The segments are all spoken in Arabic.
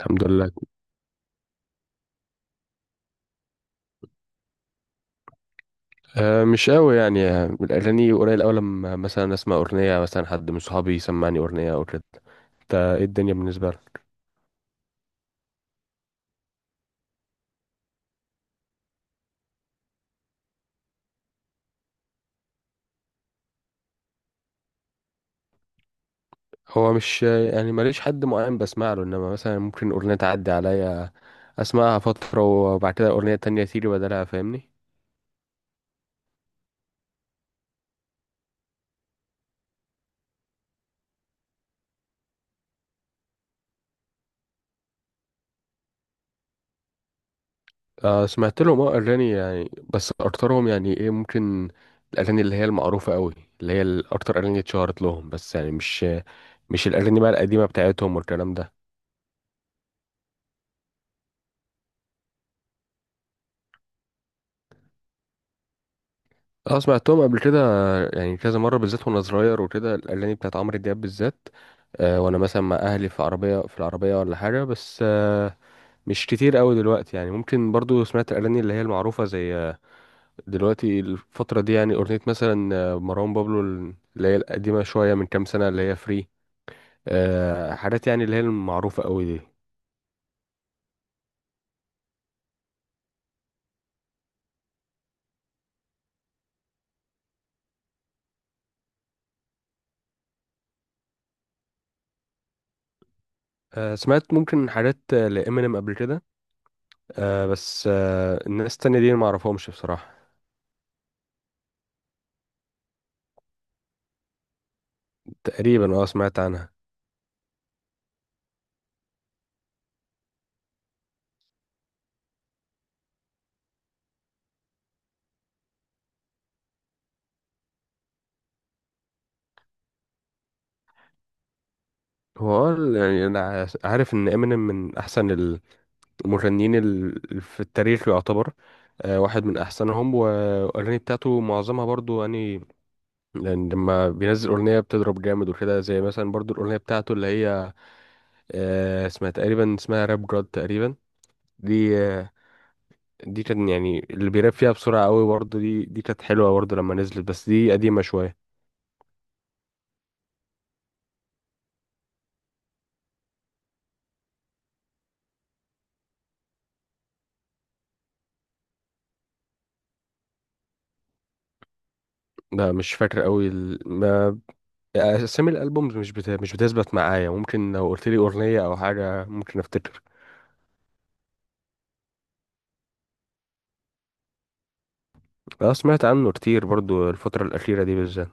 الحمد لله. مش قوي يعني الاغاني قليل قوي، لما مثلا اسمع اغنيه، مثلا حد من صحابي يسمعني اغنيه او كده. انت ايه الدنيا بالنسبه لك؟ هو مش يعني ماليش حد معين بسمع له، انما مثلا ممكن اغنيه تعدي عليا اسمعها فتره وبعد كده اغنيه تانية تيجي بدلها، فاهمني؟ سمعت لهم، اه اغاني يعني، بس اكترهم يعني ايه، ممكن الاغاني اللي هي المعروفه قوي، اللي هي الاكتر اغاني اتشهرت لهم، بس يعني مش الاغاني بقى القديمه بتاعتهم والكلام ده. اه سمعتهم قبل كده يعني كذا مرة، بالذات وانا صغير وكده، الأغاني بتاعت عمرو دياب بالذات. آه وانا مثلا مع أهلي في عربية، في العربية ولا حاجة، بس مش كتير قوي دلوقتي يعني. ممكن برضو سمعت الأغاني اللي هي المعروفة، زي دلوقتي الفترة دي يعني أغنية مثلا مروان بابلو، اللي هي القديمة شوية من كام سنة، اللي هي فري. آه حاجات يعني اللي هي المعروفة قوي دي. آه سمعت ممكن حاجات لإمينيم قبل كده، آه بس الناس التانية دي ما أعرفهمش بصراحة. تقريبا اه سمعت عنها. هو اه يعني انا عارف ان امينيم من احسن المغنيين في التاريخ يعتبر. واحد من احسنهم، والاغاني بتاعته معظمها برضو يعني، لأن لما بينزل اغنيه بتضرب جامد وكده. زي مثلا برضو الاغنيه بتاعته اللي هي اسمها تقريبا، اسمها راب جاد تقريبا. دي آه، دي كان يعني اللي بيراب فيها بسرعه قوي، برضو دي كانت حلوه برضو لما نزلت، بس دي قديمه شويه. لا مش فاكر قوي. اسامي الالبومز مش مش بتثبت معايا. ممكن لو قلت لي اغنيه او حاجه ممكن افتكر. اه سمعت عنه كتير برضو الفتره الاخيره دي بالذات.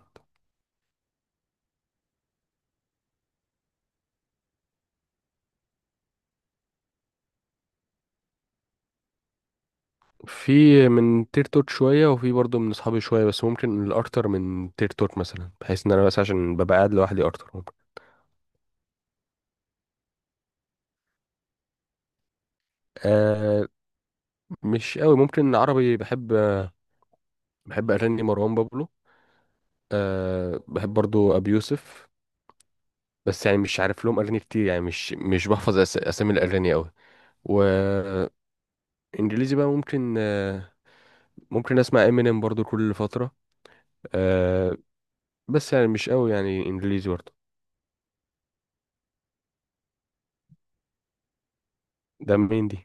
في من تير توت شويه، وفي برضو من اصحابي شويه، بس ممكن الاكتر من تير توت مثلا، بحيث ان انا بس عشان ببقى قاعد لوحدي اكتر ممكن. آه مش قوي. ممكن عربي بحب، بحب اغاني مروان بابلو. آه بحب برضو ابي يوسف. بس يعني مش عارف لهم اغاني كتير. يعني مش بحفظ اسامي الاغاني قوي. وانجليزي بقى ممكن ممكن اسمع امينيم برضو كل فترة. أه بس يعني مش قوي يعني انجليزي برضو. ده مين دي؟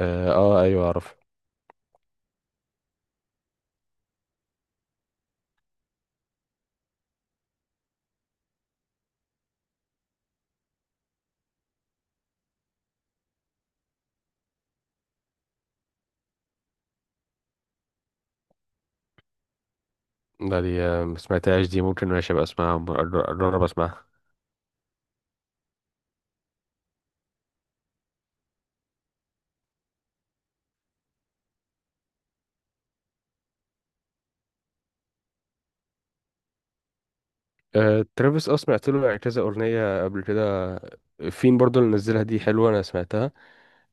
اه, آه ايوه اعرف. ده دي آه، ما سمعتهاش دي. ممكن ماشي ابقى اسمعها، اجرب اسمعها. أه ترافيس اه سمعت له يعني كذا اغنية قبل كده. فين برضو اللي نزلها دي حلوة، انا سمعتها.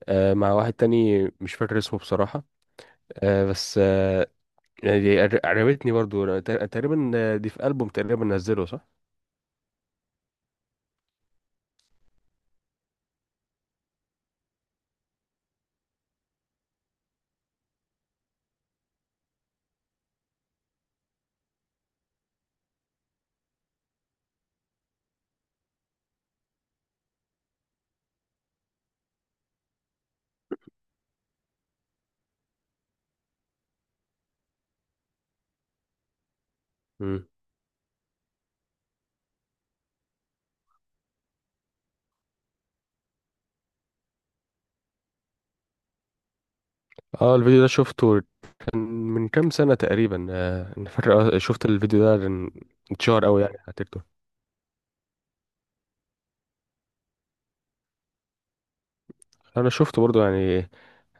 أه مع واحد تاني مش فاكر اسمه بصراحة. أه بس يعني دي عجبتني برضو. أنا تقريبا دي في ألبوم تقريبا نزله، صح؟ مم. اه الفيديو ده شفته. كان من كام سنة تقريبا. انا فاكر شفت الفيديو ده لأن اتشهر قوي يعني على تيك توك. انا شفته برضو يعني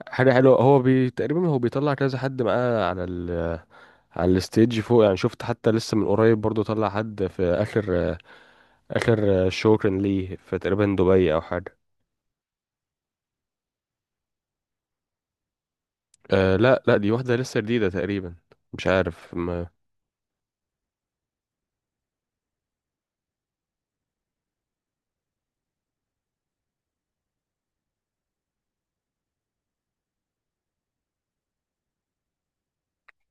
حاجة حلوة. هو تقريبا هو بيطلع كذا حد معاه على على الستيج فوق يعني. شفت حتى لسه من قريب برضو طلع حد في اخر آه، اخر شو كان ليه، في تقريبا دبي او حاجة. أه لا لا، دي واحدة لسه جديدة تقريبا، مش عارف ما...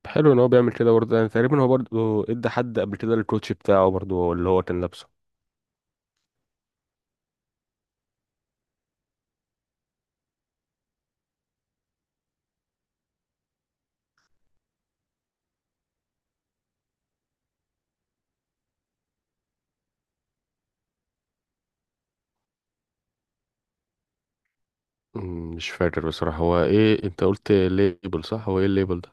حلو ان هو بيعمل كده برضه. يعني تقريبا هو برضه ادى حد قبل كده الكوتش بتاعه برضه اللي هو كان لابسه. مم، مش فاكر بصراحة. هو ايه، انت قلت ليبل، صح؟ هو ايه الليبل ده؟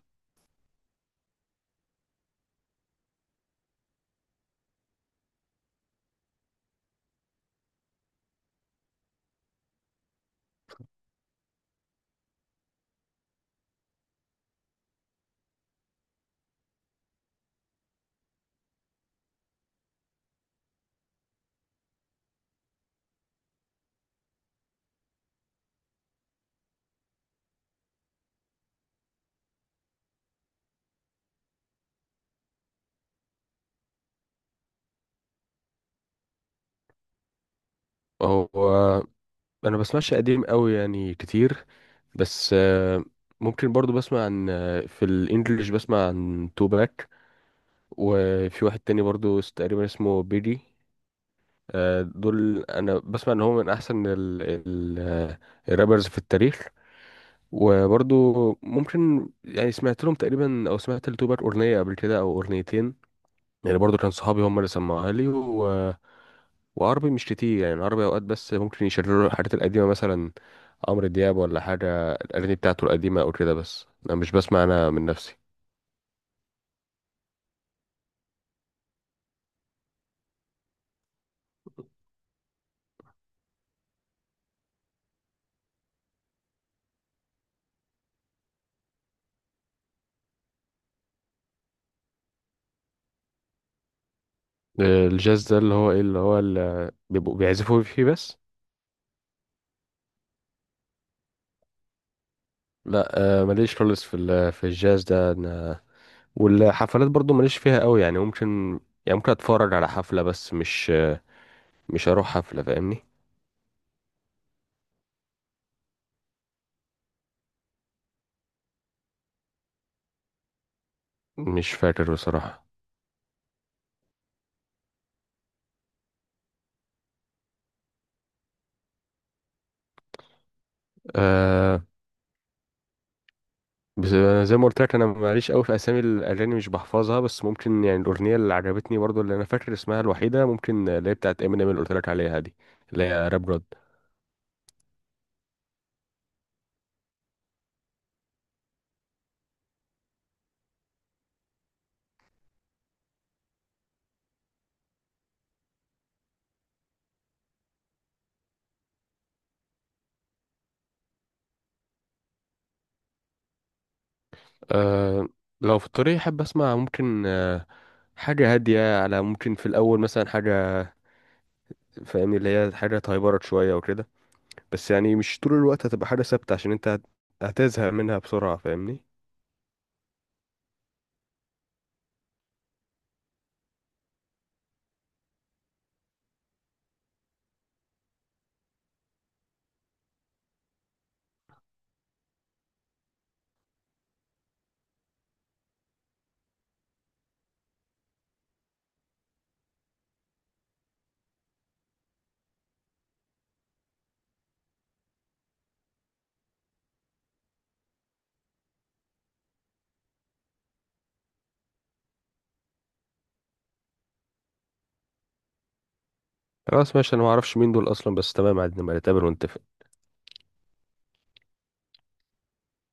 هو انا بسمعش قديم قوي يعني كتير، بس ممكن برضو بسمع عن في الانجليش بسمع عن توباك، وفي واحد تاني برضو تقريبا اسمه بيدي. دول انا بسمع ان هو من احسن ال الرابرز في التاريخ. وبرضو ممكن يعني سمعت لهم تقريبا، او سمعت لتوباك اغنية قبل كده او اغنيتين يعني، برضو كان صحابي هم اللي سمعوها لي. وعربي مش كتير يعني. العربي اوقات بس ممكن يشيروا الحاجات القديمه مثلا عمرو دياب ولا حاجه، الاغاني بتاعته القديمه او كده، بس انا مش بسمع انا من نفسي. الجاز ده اللي هو ايه؟ اللي هو اللي بيبقوا بيعزفوا فيه بس؟ لا ماليش خالص في في الجاز ده أنا. والحفلات برضو ماليش فيها قوي يعني. ممكن اتفرج على حفله، بس مش هروح حفله، فاهمني؟ مش فاكر بصراحه. أه بس أنا زي ما قلت لك، انا ماليش قوي في اسامي الاغاني، مش بحفظها. بس ممكن يعني الاغنيه اللي عجبتني برضو اللي انا فاكر اسمها الوحيده، ممكن اللي هي بتاعت امينيم اللي قلت لك عليها دي، اللي هي راب جود. أه لو في الطريق، احب اسمع ممكن أه حاجه هاديه. على ممكن في الاول مثلا حاجه، فاهمني؟ اللي هي حاجه تهيبرت شويه وكده. بس يعني مش طول الوقت هتبقى حاجه ثابته، عشان انت هتزهق منها بسرعه، فاهمني؟ خلاص ماشي. انا ما اعرفش مين دول اصلا، بس تمام عادي نبقى نتقابل ونتفق.